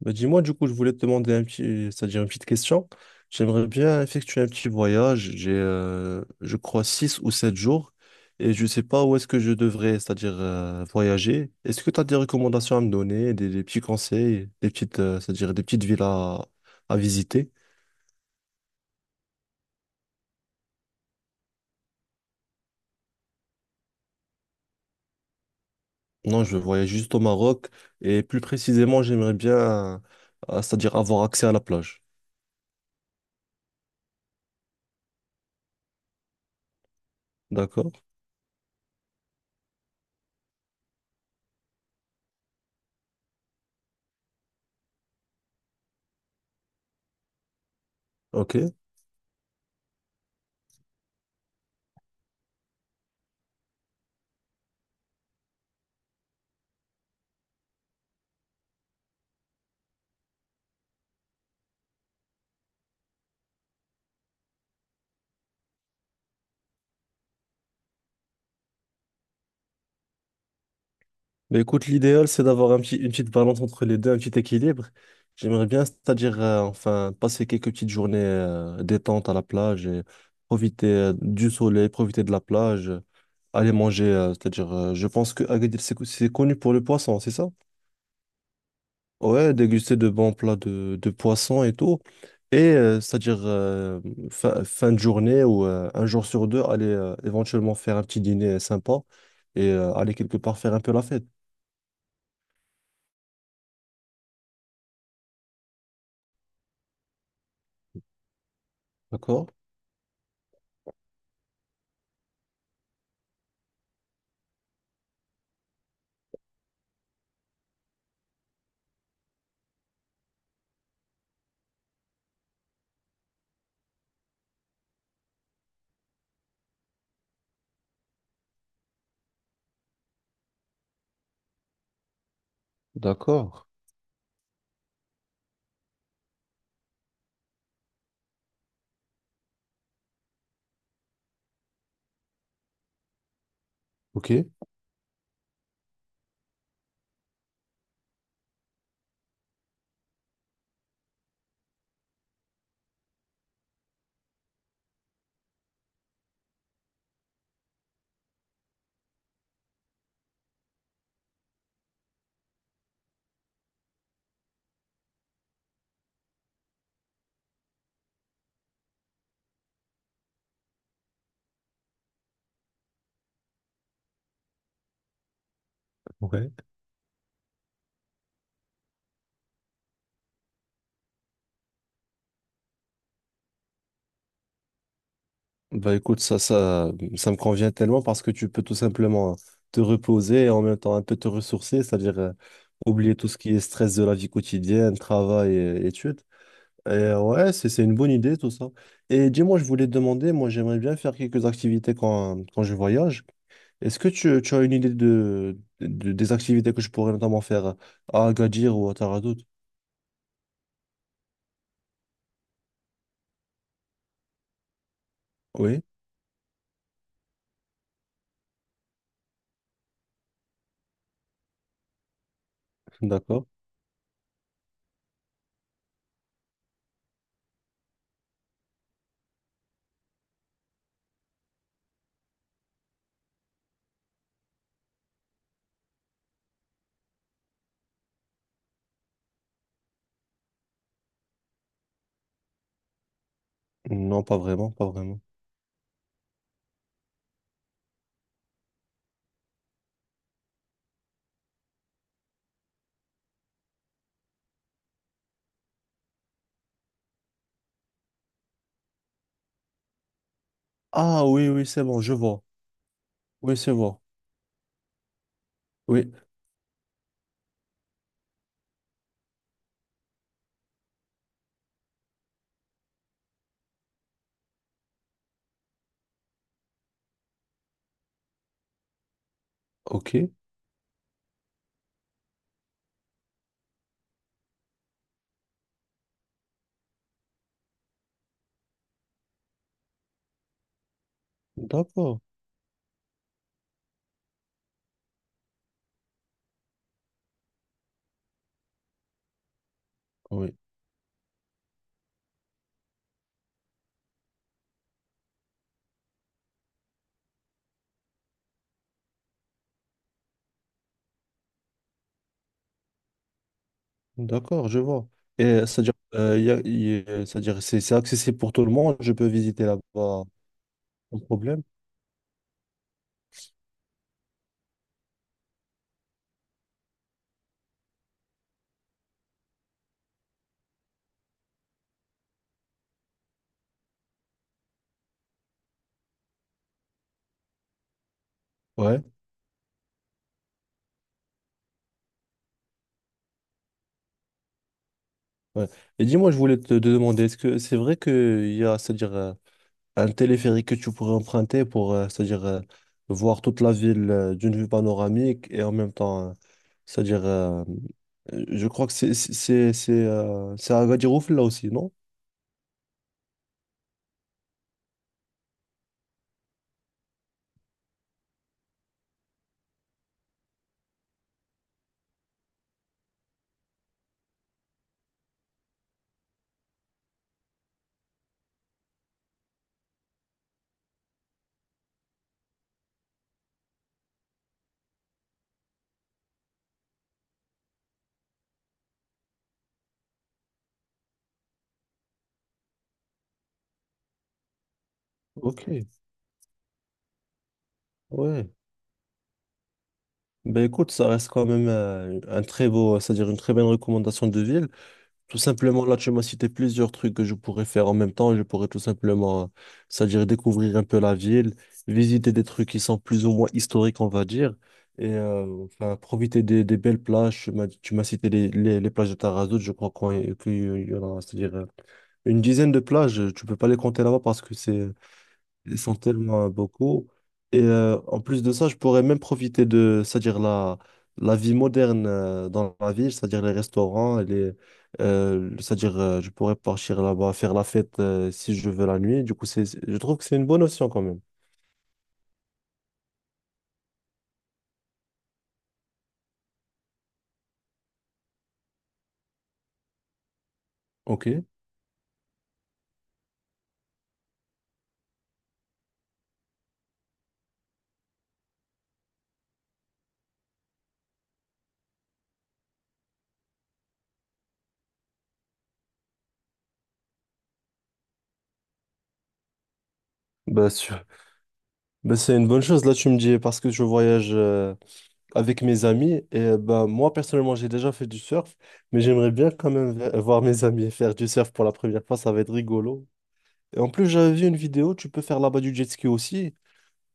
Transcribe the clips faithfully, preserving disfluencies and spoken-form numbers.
Bah, dis-moi, du coup, je voulais te demander un petit, c'est-à-dire une petite question. J'aimerais bien effectuer un petit voyage. J'ai, euh, je crois, six ou sept jours et je ne sais pas où est-ce que je devrais, c'est-à-dire euh, voyager. Est-ce que tu as des recommandations à me donner, des, des petits conseils, des petites, euh, c'est-à-dire des petites villes à, à visiter? Non, je voyage juste au Maroc et plus précisément, j'aimerais bien, euh, c'est-à-dire avoir accès à la plage. D'accord? Ok. Mais écoute, l'idéal, c'est d'avoir un petit, une petite balance entre les deux, un petit équilibre. J'aimerais bien, c'est-à-dire, euh, enfin, passer quelques petites journées euh, détente à la plage et profiter euh, du soleil, profiter de la plage, euh, aller manger. Euh, c'est-à-dire, euh, je pense que Agadir, c'est co- c'est connu pour le poisson, c'est ça? Ouais, déguster de bons plats de, de poisson et tout. Et euh, c'est-à-dire, euh, fin, fin de journée ou euh, un jour sur deux, aller euh, éventuellement faire un petit dîner sympa et euh, aller quelque part faire un peu la fête. D'accord? D'accord. Ok. Ouais. Bah écoute, ça, ça, ça me convient tellement parce que tu peux tout simplement te reposer et en même temps un peu te ressourcer, c'est-à-dire euh, oublier tout ce qui est stress de la vie quotidienne, travail et études. Et euh, ouais, c'est, c'est une bonne idée tout ça. Et dis-moi, je voulais te demander, moi j'aimerais bien faire quelques activités quand, quand je voyage. Est-ce que tu, tu as une idée de, de- des activités que je pourrais notamment faire à Agadir ou à Taradout? Oui, d'accord. Non, pas vraiment, pas vraiment. Ah oui, oui, c'est bon, je vois. Oui, c'est bon. Oui, ok. D'accord. Oui, d'accord, je vois. Et c'est-à-dire, euh, y a- y a- c'est-à-dire, c'est c'est accessible pour tout le monde. Je peux visiter là-bas sans problème. Ouais, ouais. Et dis-moi, je voulais te, te demander, est-ce que c'est vrai qu'il y a, c'est-à-dire, euh, un téléphérique que tu pourrais emprunter pour, euh, c'est-à-dire, euh, voir toute la ville euh, d'une vue panoramique et en même temps, euh, c'est-à-dire, euh, euh, je crois que c'est c'est c'est c'est euh, c'est à Agadir Oufel, là aussi, non? Ok, ouais. Ben écoute, ça reste quand même euh, un très beau, c'est-à-dire une très bonne recommandation de ville. Tout simplement, là, tu m'as cité plusieurs trucs que je pourrais faire en même temps. Je pourrais tout simplement, euh, c'est-à-dire découvrir un peu la ville, visiter des trucs qui sont plus ou moins historiques, on va dire, et euh, enfin, profiter des, des belles plages. Tu m'as tu m'as cité les, les, les plages de Tarazout, je crois qu'on- qu'il y en a, c'est-à-dire euh, une dizaine de plages. Tu peux pas les compter là-bas parce que c'est ils sont tellement beaucoup. Et euh, en plus de ça, je pourrais même profiter de, c'est-à-dire la, la vie moderne euh, dans la ville, c'est-à-dire les restaurants, et les, euh, c'est-à-dire euh, je pourrais partir là-bas, faire la fête euh, si je veux la nuit. Du coup, c'est, c'est- je trouve que c'est une bonne option quand même. Ok. Bah, sûr. Bah, c'est une bonne chose, là tu me dis, parce que je voyage euh, avec mes amis et euh, bah, moi personnellement j'ai déjà fait du surf, mais j'aimerais bien quand même v- voir mes amis faire du surf pour la première fois, ça va être rigolo. Et en plus, j'avais vu une vidéo, tu peux faire là-bas du jet ski aussi.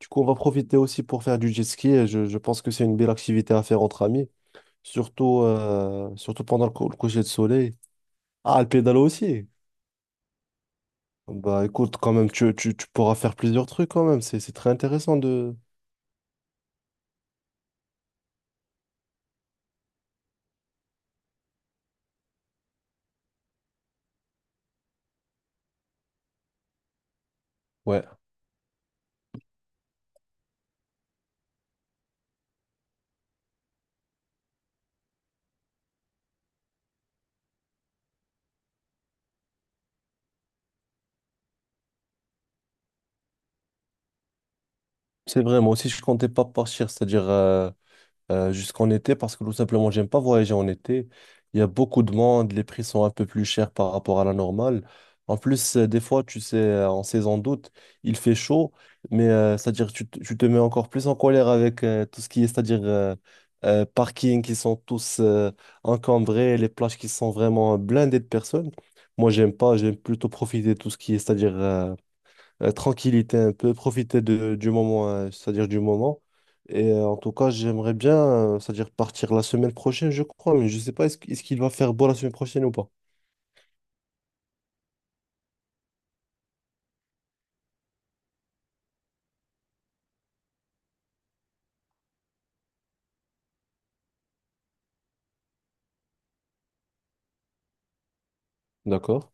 Du coup, on va profiter aussi pour faire du jet ski. Et je, je pense que c'est une belle activité à faire entre amis, surtout, euh, surtout pendant le, cou- le coucher de soleil. Ah, le pédalo aussi. Bah écoute, quand même, tu, tu, tu pourras faire plusieurs trucs quand même. C'est, c'est très intéressant de… Ouais, c'est vrai, moi aussi, je comptais pas partir, c'est-à-dire... euh, euh, jusqu'en été parce que tout simplement, j'aime pas voyager en été. Il y a beaucoup de monde, les prix sont un peu plus chers par rapport à la normale. En plus, euh, des fois, tu sais, euh, en saison d'août, il fait chaud, mais euh, c'est-à-dire tu, te tu te mets encore plus en colère avec euh, tout ce qui est, c'est-à-dire euh, euh, parking qui sont tous euh, encombrés, les plages qui sont vraiment blindées de personnes. Moi, j'aime pas, j'aime plutôt profiter de tout ce qui est, c'est-à-dire euh, euh, tranquillité un peu, profiter de, du moment, euh, c'est-à-dire du moment. Et euh, en tout cas, j'aimerais bien, euh, c'est-à-dire partir la semaine prochaine, je crois, mais je ne sais pas, est-ce, qu- est-ce qu'il va faire beau la semaine prochaine ou pas? D'accord.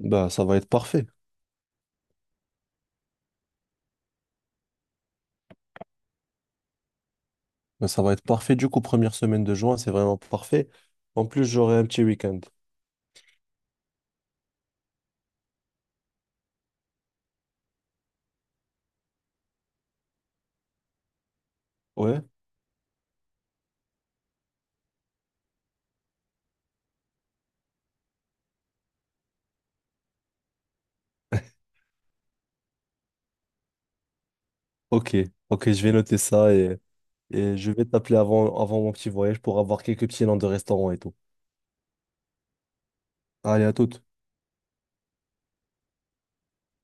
Bah, ça va être parfait. Bah, ça va être parfait. Du coup, première semaine de juin, c'est vraiment parfait. En plus, j'aurai un petit week-end. Ouais? Ok. Ok, je vais noter ça et, et je vais t'appeler avant, avant mon petit voyage pour avoir quelques petits noms de restaurants et tout. Allez, à toutes.